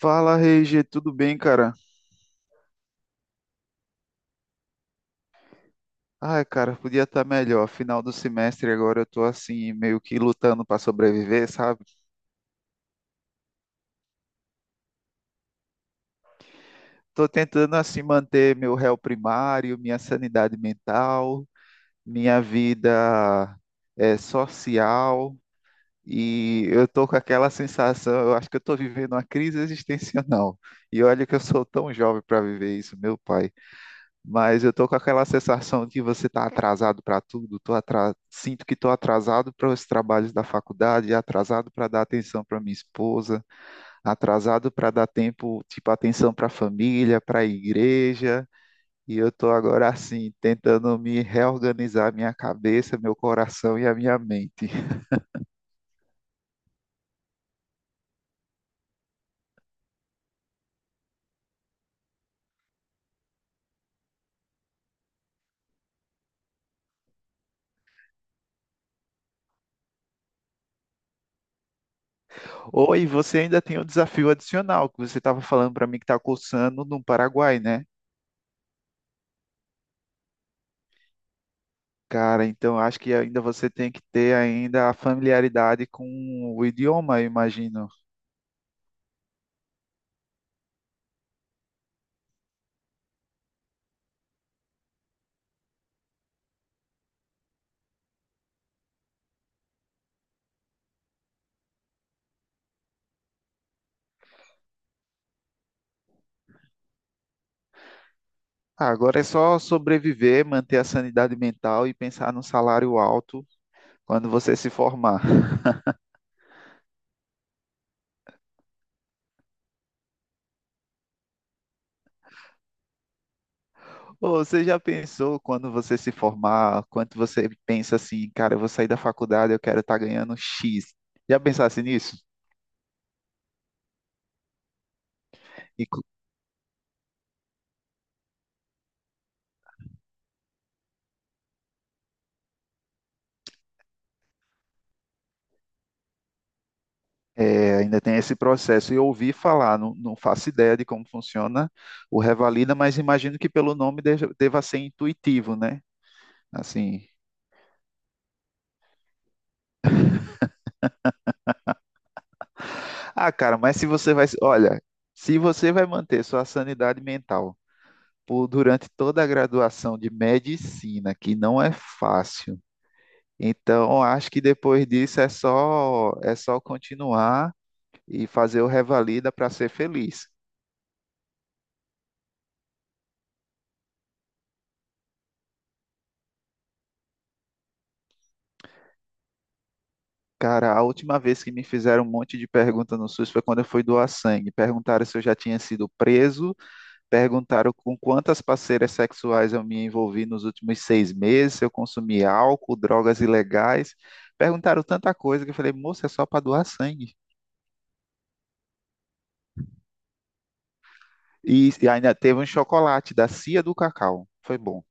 Fala, Reige, tudo bem, cara? Ai, cara, podia estar melhor. Final do semestre agora eu tô assim, meio que lutando para sobreviver, sabe? Tô tentando assim manter meu réu primário, minha sanidade mental, minha vida social, e eu tô com aquela sensação, eu acho que eu tô vivendo uma crise existencial. E olha que eu sou tão jovem para viver isso, meu pai. Mas eu tô com aquela sensação de você tá atrasado para tudo, sinto que tô atrasado para os trabalhos da faculdade, atrasado para dar atenção para minha esposa, atrasado para dar tempo, tipo, atenção para a família, para a igreja, e eu tô agora assim, tentando me reorganizar minha cabeça, meu coração e a minha mente. Ou e você ainda tem um desafio adicional que você estava falando para mim que tá cursando no Paraguai, né? Cara, então acho que ainda você tem que ter ainda a familiaridade com o idioma, eu imagino. Ah, agora é só sobreviver, manter a sanidade mental e pensar num salário alto quando você se formar. Ô, você já pensou quando você se formar, quanto você pensa assim, cara, eu vou sair da faculdade, eu quero estar ganhando X. Já pensasse nisso? E co- É, ainda tem esse processo. Eu ouvi falar, não, não faço ideia de como funciona o Revalida, mas imagino que pelo nome deva ser intuitivo, né? Assim. Ah, cara, mas se você vai. Olha, se você vai manter sua sanidade mental por, durante toda a graduação de medicina, que não é fácil, então acho que depois disso é só continuar e fazer o revalida para ser feliz. Cara, a última vez que me fizeram um monte de pergunta no SUS foi quando eu fui doar sangue. Perguntaram se eu já tinha sido preso. Perguntaram com quantas parceiras sexuais eu me envolvi nos últimos 6 meses, se eu consumi álcool, drogas ilegais. Perguntaram tanta coisa que eu falei, moça, é só para doar sangue. E ainda teve um chocolate da Cia do Cacau. Foi bom.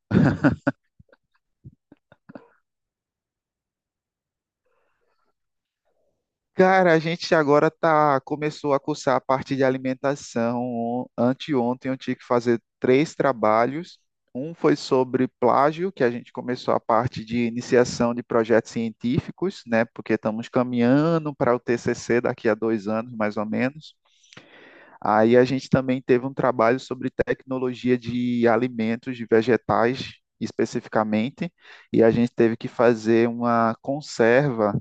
Cara, a gente agora tá, começou a cursar a parte de alimentação. Anteontem eu tive que fazer 3 trabalhos. Um foi sobre plágio, que a gente começou a parte de iniciação de projetos científicos, né? Porque estamos caminhando para o TCC daqui a 2 anos, mais ou menos. Aí a gente também teve um trabalho sobre tecnologia de alimentos, de vegetais especificamente, e a gente teve que fazer uma conserva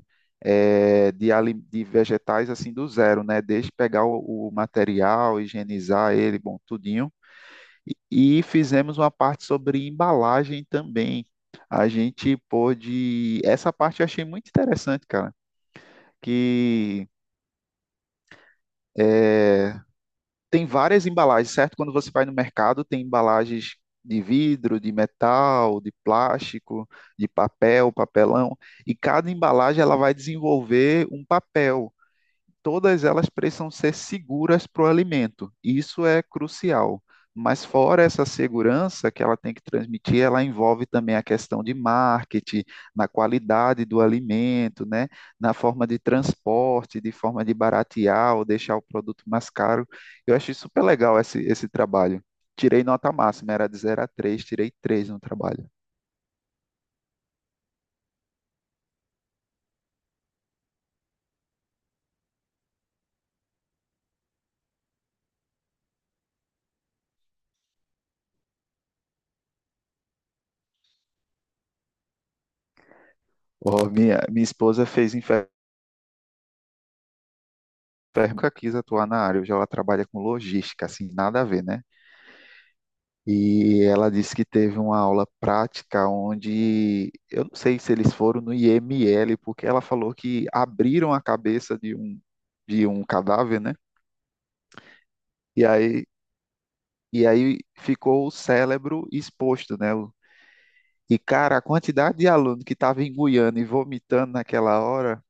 de vegetais assim do zero, né? Desde pegar o material, higienizar ele, bom, tudinho. E fizemos uma parte sobre embalagem também. A gente pôde. Essa parte eu achei muito interessante, cara, que. eh, Tem várias embalagens, certo? Quando você vai no mercado, tem embalagens de vidro, de metal, de plástico, de papel, papelão, e cada embalagem ela vai desenvolver um papel. Todas elas precisam ser seguras para o alimento. Isso é crucial. Mas fora essa segurança que ela tem que transmitir, ela envolve também a questão de marketing, na qualidade do alimento, né? Na forma de transporte, de forma de baratear ou deixar o produto mais caro. Eu achei super legal esse trabalho. Tirei nota máxima, era de 0 a 3, tirei 3 no trabalho. Oh, minha esposa fez enfermagem, nunca quis atuar na área, hoje ela trabalha com logística, assim, nada a ver, né? E ela disse que teve uma aula prática onde eu não sei se eles foram no IML, porque ela falou que abriram a cabeça de um cadáver, né? E aí, e aí ficou o cérebro exposto, né? E, cara, a quantidade de aluno que estava engoiando e vomitando naquela hora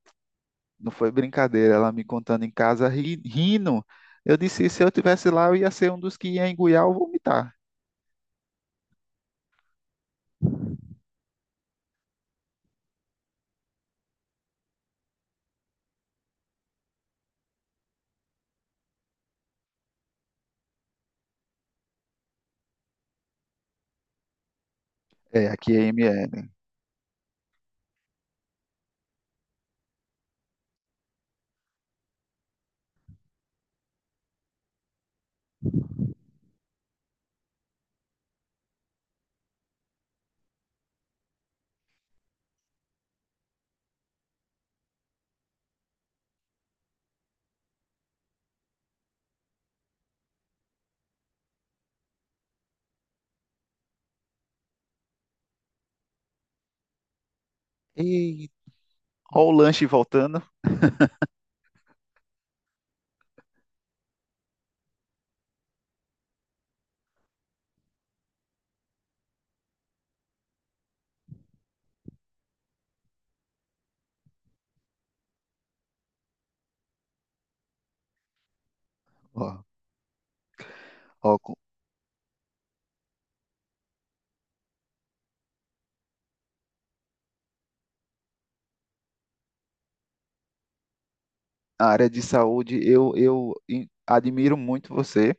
não foi brincadeira. Ela me contando em casa, rindo. Eu disse, se eu tivesse lá, eu ia ser um dos que ia engoiar ou vomitar. É, aqui é IML. Ó o lanche voltando. Ó, ó, com- a área de saúde, admiro muito você,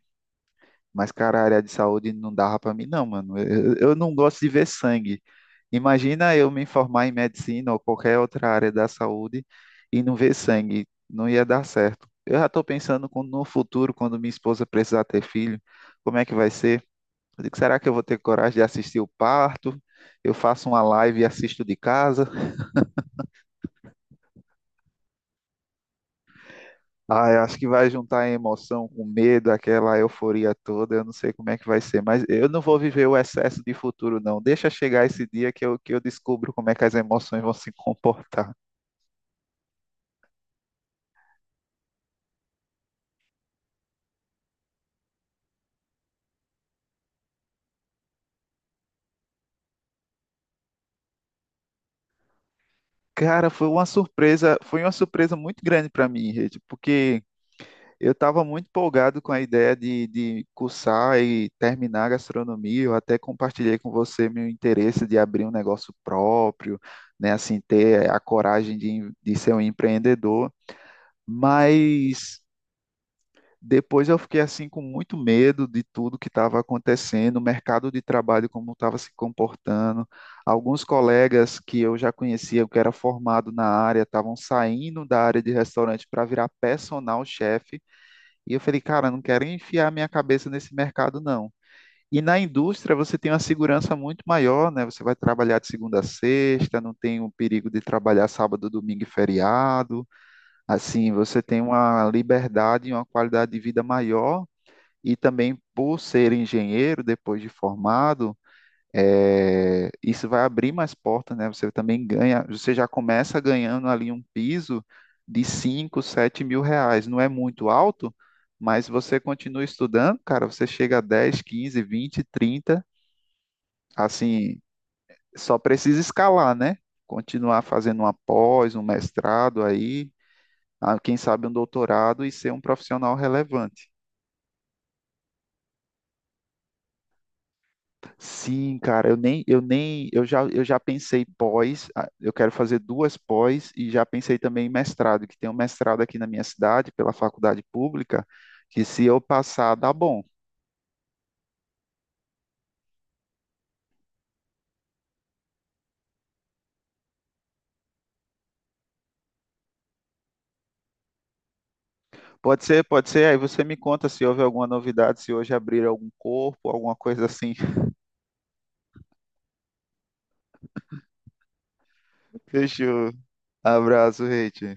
mas, cara, a área de saúde não dava pra mim, não, mano. Eu não gosto de ver sangue. Imagina eu me formar em medicina ou qualquer outra área da saúde e não ver sangue. Não ia dar certo. Eu já tô pensando no futuro, quando minha esposa precisar ter filho, como é que vai ser? Eu digo, será que eu vou ter coragem de assistir o parto? Eu faço uma live e assisto de casa? Ah, eu acho que vai juntar a emoção com o medo, aquela euforia toda. Eu não sei como é que vai ser, mas eu não vou viver o excesso de futuro, não. Deixa chegar esse dia que que eu descubro como é que as emoções vão se comportar. Cara, foi uma surpresa muito grande para mim, Rede, porque eu estava muito empolgado com a ideia de cursar e terminar a gastronomia. Eu até compartilhei com você meu interesse de abrir um negócio próprio, né? Assim, ter a coragem de ser um empreendedor. Mas depois eu fiquei assim com muito medo de tudo que estava acontecendo, o mercado de trabalho como estava se comportando. Alguns colegas que eu já conhecia, que era formado na área, estavam saindo da área de restaurante para virar personal chef, e eu falei, cara, não quero enfiar minha cabeça nesse mercado, não. E na indústria você tem uma segurança muito maior, né? Você vai trabalhar de segunda a sexta, não tem o perigo de trabalhar sábado, domingo e feriado. Assim, você tem uma liberdade e uma qualidade de vida maior. E também por ser engenheiro, depois de formado, é, isso vai abrir mais portas, né? Você também ganha, você já começa ganhando ali um piso de 5, 7 mil reais. Não é muito alto, mas você continua estudando, cara, você chega a 10, 15, 20, 30. Assim, só precisa escalar, né? Continuar fazendo uma pós, um mestrado aí, ah, quem sabe um doutorado e ser um profissional relevante. Sim, cara, eu nem, eu nem, eu já pensei pós, ah, eu quero fazer duas pós e já pensei também em mestrado, que tem um mestrado aqui na minha cidade, pela faculdade pública, que se eu passar, dá bom. Pode ser, aí você me conta se houve alguma novidade, se hoje abrir algum corpo, alguma coisa assim. Fechou. Abraço, Reit.